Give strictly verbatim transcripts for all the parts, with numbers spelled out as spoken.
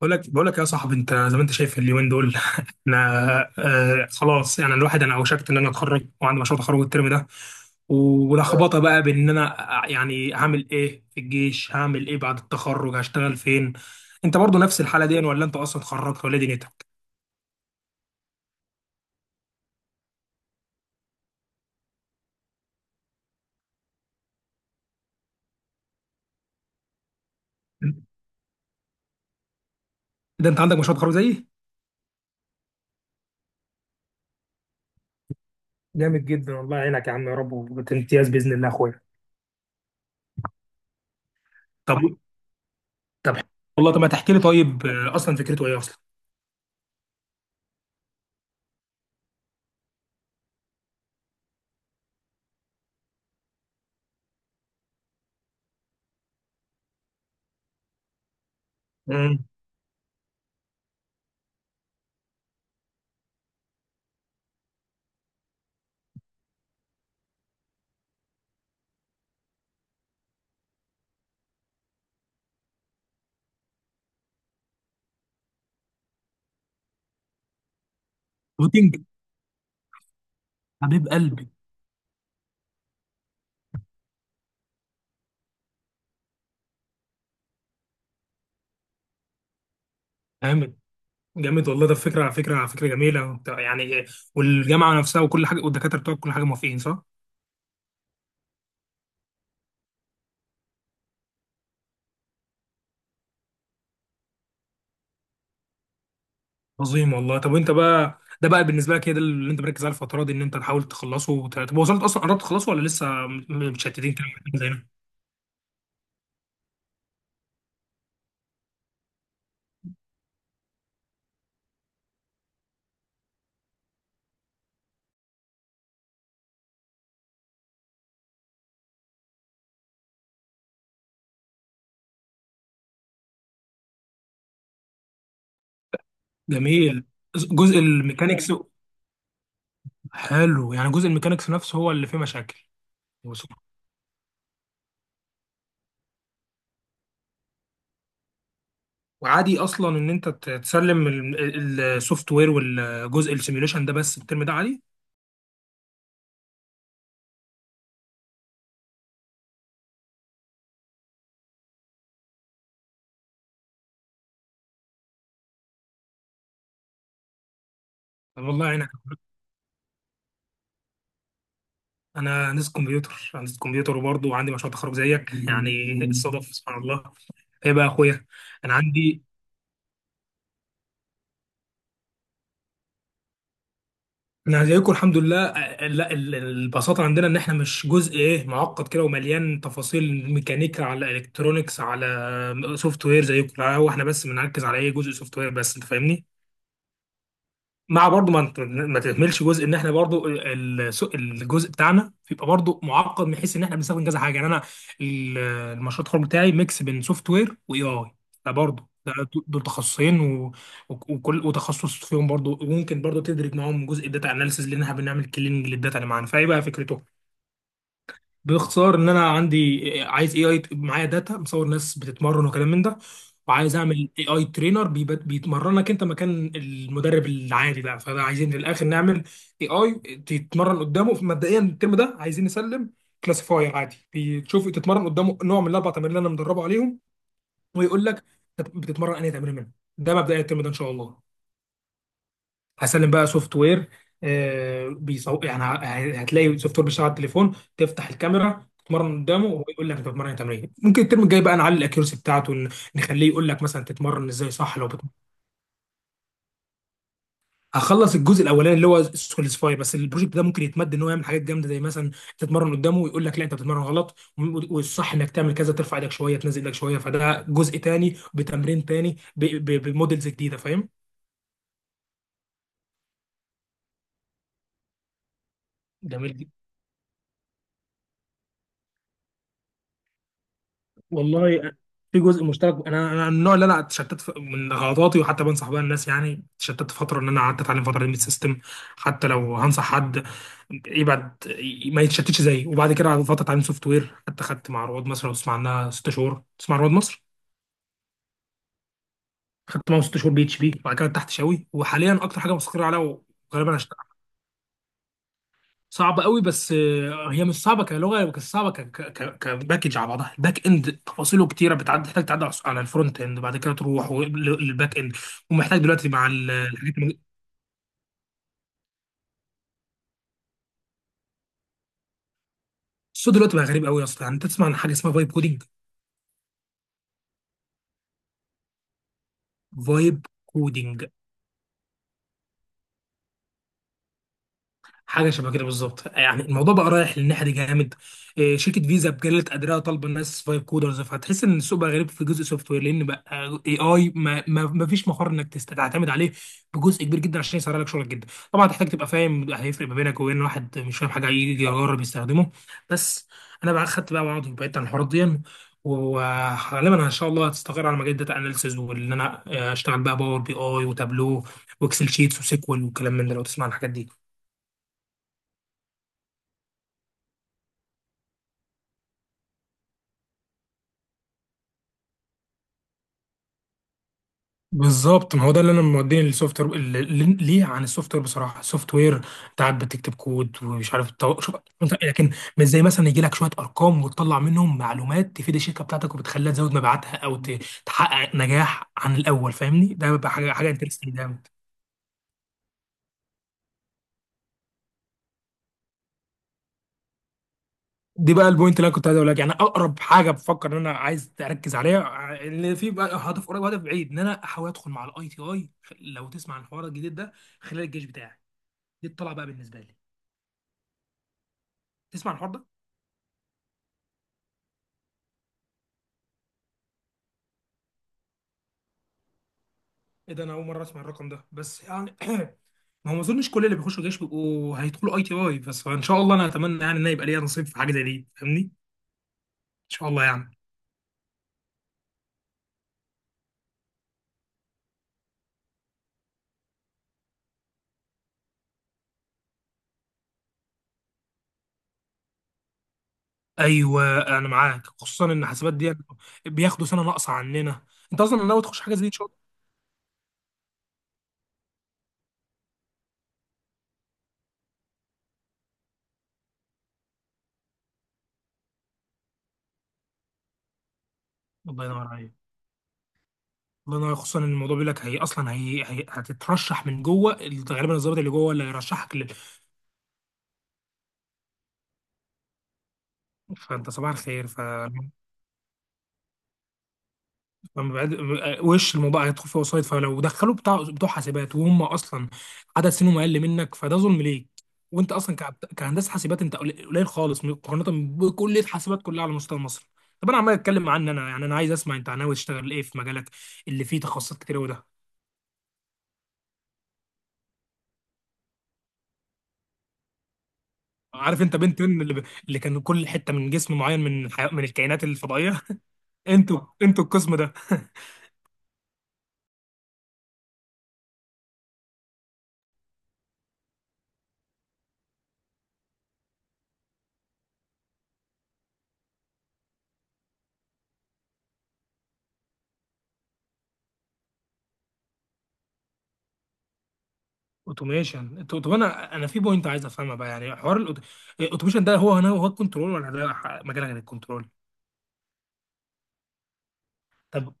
بقول لك بقول لك يا صاحبي، انت زي ما انت شايف اليومين دول. انا آه خلاص، يعني الواحد انا اوشكت ان انا اتخرج وعندي مشروع تخرج الترم ده، ولخبطه بقى بان انا ع- يعني هعمل ايه في الجيش، هعمل ايه بعد التخرج، هشتغل فين؟ انت برضو نفس الحاله دي ولا انت اصلا اتخرجت ولا إيه دنيتك؟ ده انت عندك مشروع تخرج زيي؟ جامد جدا، والله يعينك يا عم، يا رب وبتمتياز باذن الله يا اخويا. طب. طب. والله طب ما تحكي لي طيب، آه، اصلا فكرته ايه اصلا؟ امم روتين. حبيب قلبي. فاهم. جامد والله، ده فكره على فكره على فكره جميله وبتاع- يعني والجامعه نفسها وكل حاجه والدكاتره بتوعك كل حاجه موافقين صح؟ عظيم والله. طب وانت بقى ده بقى بالنسبه لك، هي ده اللي انت مركز عليه الفتره دي ان انت تحاول تخلصه وت- طب وصلت اصلا، قربت تخلصه ولا لسه م- م- متشتتين كده؟ زي ما- جميل. جزء الميكانيكس. حلو، يعني جزء الميكانيكس نفسه هو اللي فيه مشاكل؟ وعادي اصلا ان انت ت- تسلم السوفت وير والجزء السيميوليشن ده بس الترم ده، عادي. طب والله يعينك. انا هندسه كمبيوتر هندسه كمبيوتر، وبرضه عندي مشروع تخرج زيك يعني. الصدف سبحان الله. ايه بقى يا اخويا؟ انا عندي انا زيكم الحمد لله، آه، لا ال- البساطه عندنا ان احنا مش جزء ايه معقد كده ومليان تفاصيل ميكانيكا على الكترونكس على سوفت وير زيكم، لا، هو احنا بس بنركز على ايه، جزء سوفت وير بس، انت فاهمني. مع برضو ما انت ما تهملش جزء ان احنا برضو ال- السوق- الجزء بتاعنا بيبقى برضو معقد من حيث ان احنا بنستخدم كذا حاجه، يعني انا ال- المشروع التخرج بتاعي ميكس بين سوفت وير واي اي، فبرضو ده دو- دول تخصصين و- وكل وتخصص فيهم برضو، وممكن برضو تدرك معاهم جزء الداتا اناليسز لانها بنعمل كليننج للداتا اللي معانا. فايه بقى فكرته؟ باختصار ان انا عندي عايز اي اي معايا داتا مصور ناس بتتمرن وكلام من ده، وعايز اعمل اي اي ترينر بيتمرنك انت مكان المدرب العادي بقى، فده عايزين في الاخر نعمل اي اي تتمرن قدامه. مبدئيا الترم ده عايزين نسلم كلاسيفاير عادي بتشوف تتمرن قدامه نوع من الاربع تمارين اللي انا مدربه عليهم، ويقول لك بتتمرن انهي تمرين منهم. ده مبدئيا الترم ده ان شاء الله. هسلم بقى سوفت وير، آه، بيصو... يعني ه- يعني هتلاقي سوفت وير بيشتغل على التليفون، تفتح الكاميرا تتمرن قدامه وهو يقول لك انت بتتمرن تمرين. ممكن الترم الجاي بقى نعلي الاكيورسي بتاعته، ن- نخليه يقول لك مثلا تتمرن ازاي صح لو بت... هخلص الجزء الاولاني اللي هو سكولسفاي، بس البروجكت ده ممكن يتمد ان هو يعمل حاجات جامده زي مثلا تتمرن قدامه ويقول لك لا انت بتتمرن غلط، و- والصح انك تعمل كذا، ترفع ايدك شويه تنزل ايدك شويه، فده جزء تاني بتمرين تاني ب... ب... بموديلز جديده، فاهم؟ جميل والله. في جزء مشترك، انا انا من النوع اللي انا اتشتت في- من غلطاتي، وحتى بنصح بيها الناس يعني. اتشتت فتره ان انا قعدت اتعلم فتره ليميت سيستم، حتى لو هنصح حد يبعد ما يتشتتش زيي. وبعد كده قعدت فتره اتعلم سوفت وير، حتى خدت مع رواد مصر لو تسمع عنها، ست شهور تسمع عن رواد مصر؟ خدت معاهم ست شهور بي اتش بي، وبعد كده تحت شاوي، وحاليا اكتر حاجه مستقر عليها وغالبا صعبه قوي. بس آه، هي مش صعبه كلغه، بس صعبه ك ك ك- كباكج على بعضها. الباك اند تفاصيله كتيره بتعدي، تحتاج تعدي على على الفرونت اند، بعد كده تروح و- ل- للباك اند. ومحتاج دلوقتي مع ال- الحاجات الم- الصوت دلوقتي بقى غريب قوي يا اسطى، يعني انت تسمع عن حاجه اسمها فايب كودينج؟ فايب كودينج. حاجه شبه كده بالظبط، يعني الموضوع بقى رايح للناحيه دي جامد. إيه، شركه فيزا بجلت قدرها طالبه الناس فايب كودرز، فهتحس ان السوق بقى غريب في جزء سوفت وير لان بقى اي اي ما, ما, ما فيش مفر انك تست- تعتمد عليه بجزء كبير جدا عشان يسرع لك شغلك جدا. طبعا هتحتاج تبقى فاهم، هيفرق ما بينك وبين واحد مش فاهم حاجه يجي يجرب يستخدمه بس. انا بقى خدت بقى وعض وبعدت عن الحوارات دي، وغالبا ان شاء الله هتستقر على مجال داتا اناليسز، وان انا آه، اشتغل بقى باور بي اي وتابلو واكسل شيتس وسيكوال والكلام من ده لو تسمع عن الحاجات دي. بالظبط، ما هو ده اللي انا موديني للسوفت وير، اللي- اللي- ليه عن السوفت وير بصراحه؟ السوفت وير انت قاعد بتكتب كود ومش عارف تطو- شوف أنت- لكن مش زي مثلا يجي لك شويه ارقام وتطلع منهم معلومات تفيد الشركه بتاعتك وبتخليها تزود مبيعاتها او ت- تحقق نجاح عن الاول، فاهمني؟ ده بيبقى حاجه حاجه انترستنج جامد. دي بقى البوينت اللي انا كنت عايز اقول لك، يعني اقرب حاجه بفكر ان انا عايز اركز عليها، اللي في بقى هدف قريب وهدف بعيد ان انا احاول ادخل مع الاي تي اي. لو تسمع عن الحوار الجديد ده، خلال الجيش بتاعي. دي الطلعه بقى بالنسبه لي. تسمع عن الحوار ده؟ ايه ده، انا اول مره اسمع الرقم ده، بس يعني ما هو ما اظنش كل اللي بيخشوا الجيش بيبقوا هيدخلوا اي تي اي، بس فان شاء الله انا اتمنى يعني ان أنا يبقى ليا نصيب في حاجه زي دي فاهمني، ان شاء الله يعني. ايوه انا معاك، خصوصا ان حسابات دي بياخدوا سنه ناقصه عننا. انت اصلا ناوي تخش حاجه زي دي ان شاء الله؟ الله ينور عليك. الله ينور عليك. خصوصا ان الموضوع بيقول لك هي اصلا هي, هي هتترشح من جوه، غالبا الضابط اللي جوه اللي هيرشحك لل... فانت صباح الخير ف لما بعد وش الموضوع هيدخل فيه وسايط، فلو دخلوا بتاع بتوع حاسبات وهم اصلا عدد سنهم اقل منك فده ظلم ليك. وانت اصلا كعب- كهندسه حاسبات انت قليل قليل خالص مقارنه بكليه حاسبات كلها على مستوى مصر. طب انا عمال اتكلم عني انا يعني، انا عايز اسمع انت ناوي تشتغل ايه في مجالك اللي فيه تخصصات كتير وده. عارف انت بنت ان اللي، ب... اللي كان كل حته من جسم معين من الحي... من الكائنات الفضائيه. انتوا انتوا القسم ده. اوتوميشن. طب طب انا انا في بوينت عايز افهمها بقى، يعني حوار الاوتوميشن ده هو هنا هو الكنترول، ولا ده ح- مجال غير الكنترول؟ طب.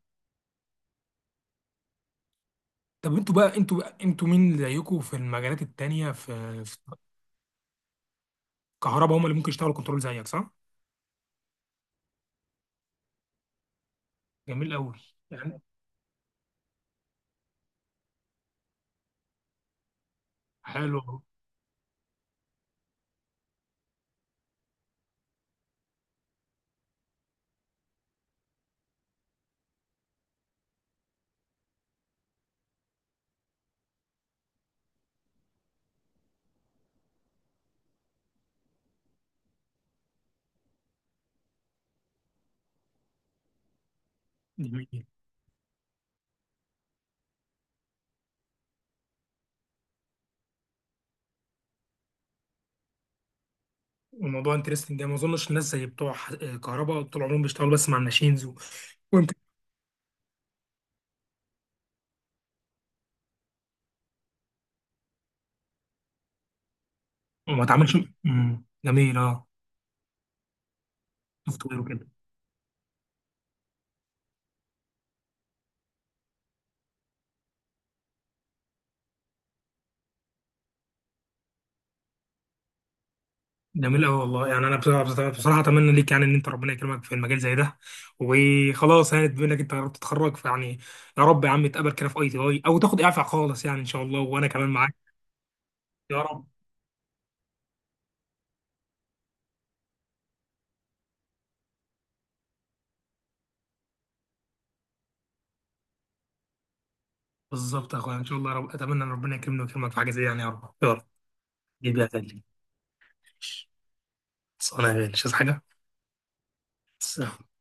طب انتوا بقى انتوا بقى انتوا مين اللي زيكم في المجالات التانية، في, في الكهرباء؟ هم اللي ممكن يشتغلوا كنترول زيك صح؟ جميل قوي. يعني حلو. جميل. الموضوع انترستنج ده ما اظنش الناس زي بتوع ح- كهرباء طول عمرهم بيشتغلوا بس مع الماشينز و- وانت وما تعملش. جميل اه. سوفت وير وكده. جميل أوي والله. يعني أنا بصراحة بصراحة بصراحة أتمنى ليك يعني إن أنت ربنا يكرمك في المجال زي ده. وخلاص يعني بما إنك أنت قربت تتخرج فيعني. يا رب يا عم تقابل كده في أي تي أي أو تاخد إعفاء خالص يعني إن شاء الله، وأنا كمان معاك. يا رب. بالظبط يا أخويا إن شاء الله، يا رب أتمنى إن ربنا يكرمني ويكرمك في حاجة زي دي، يعني يا رب يا رب. جيب يا تاني. خلاص، أنا يا غالي. مش عايز حاجة. سلام.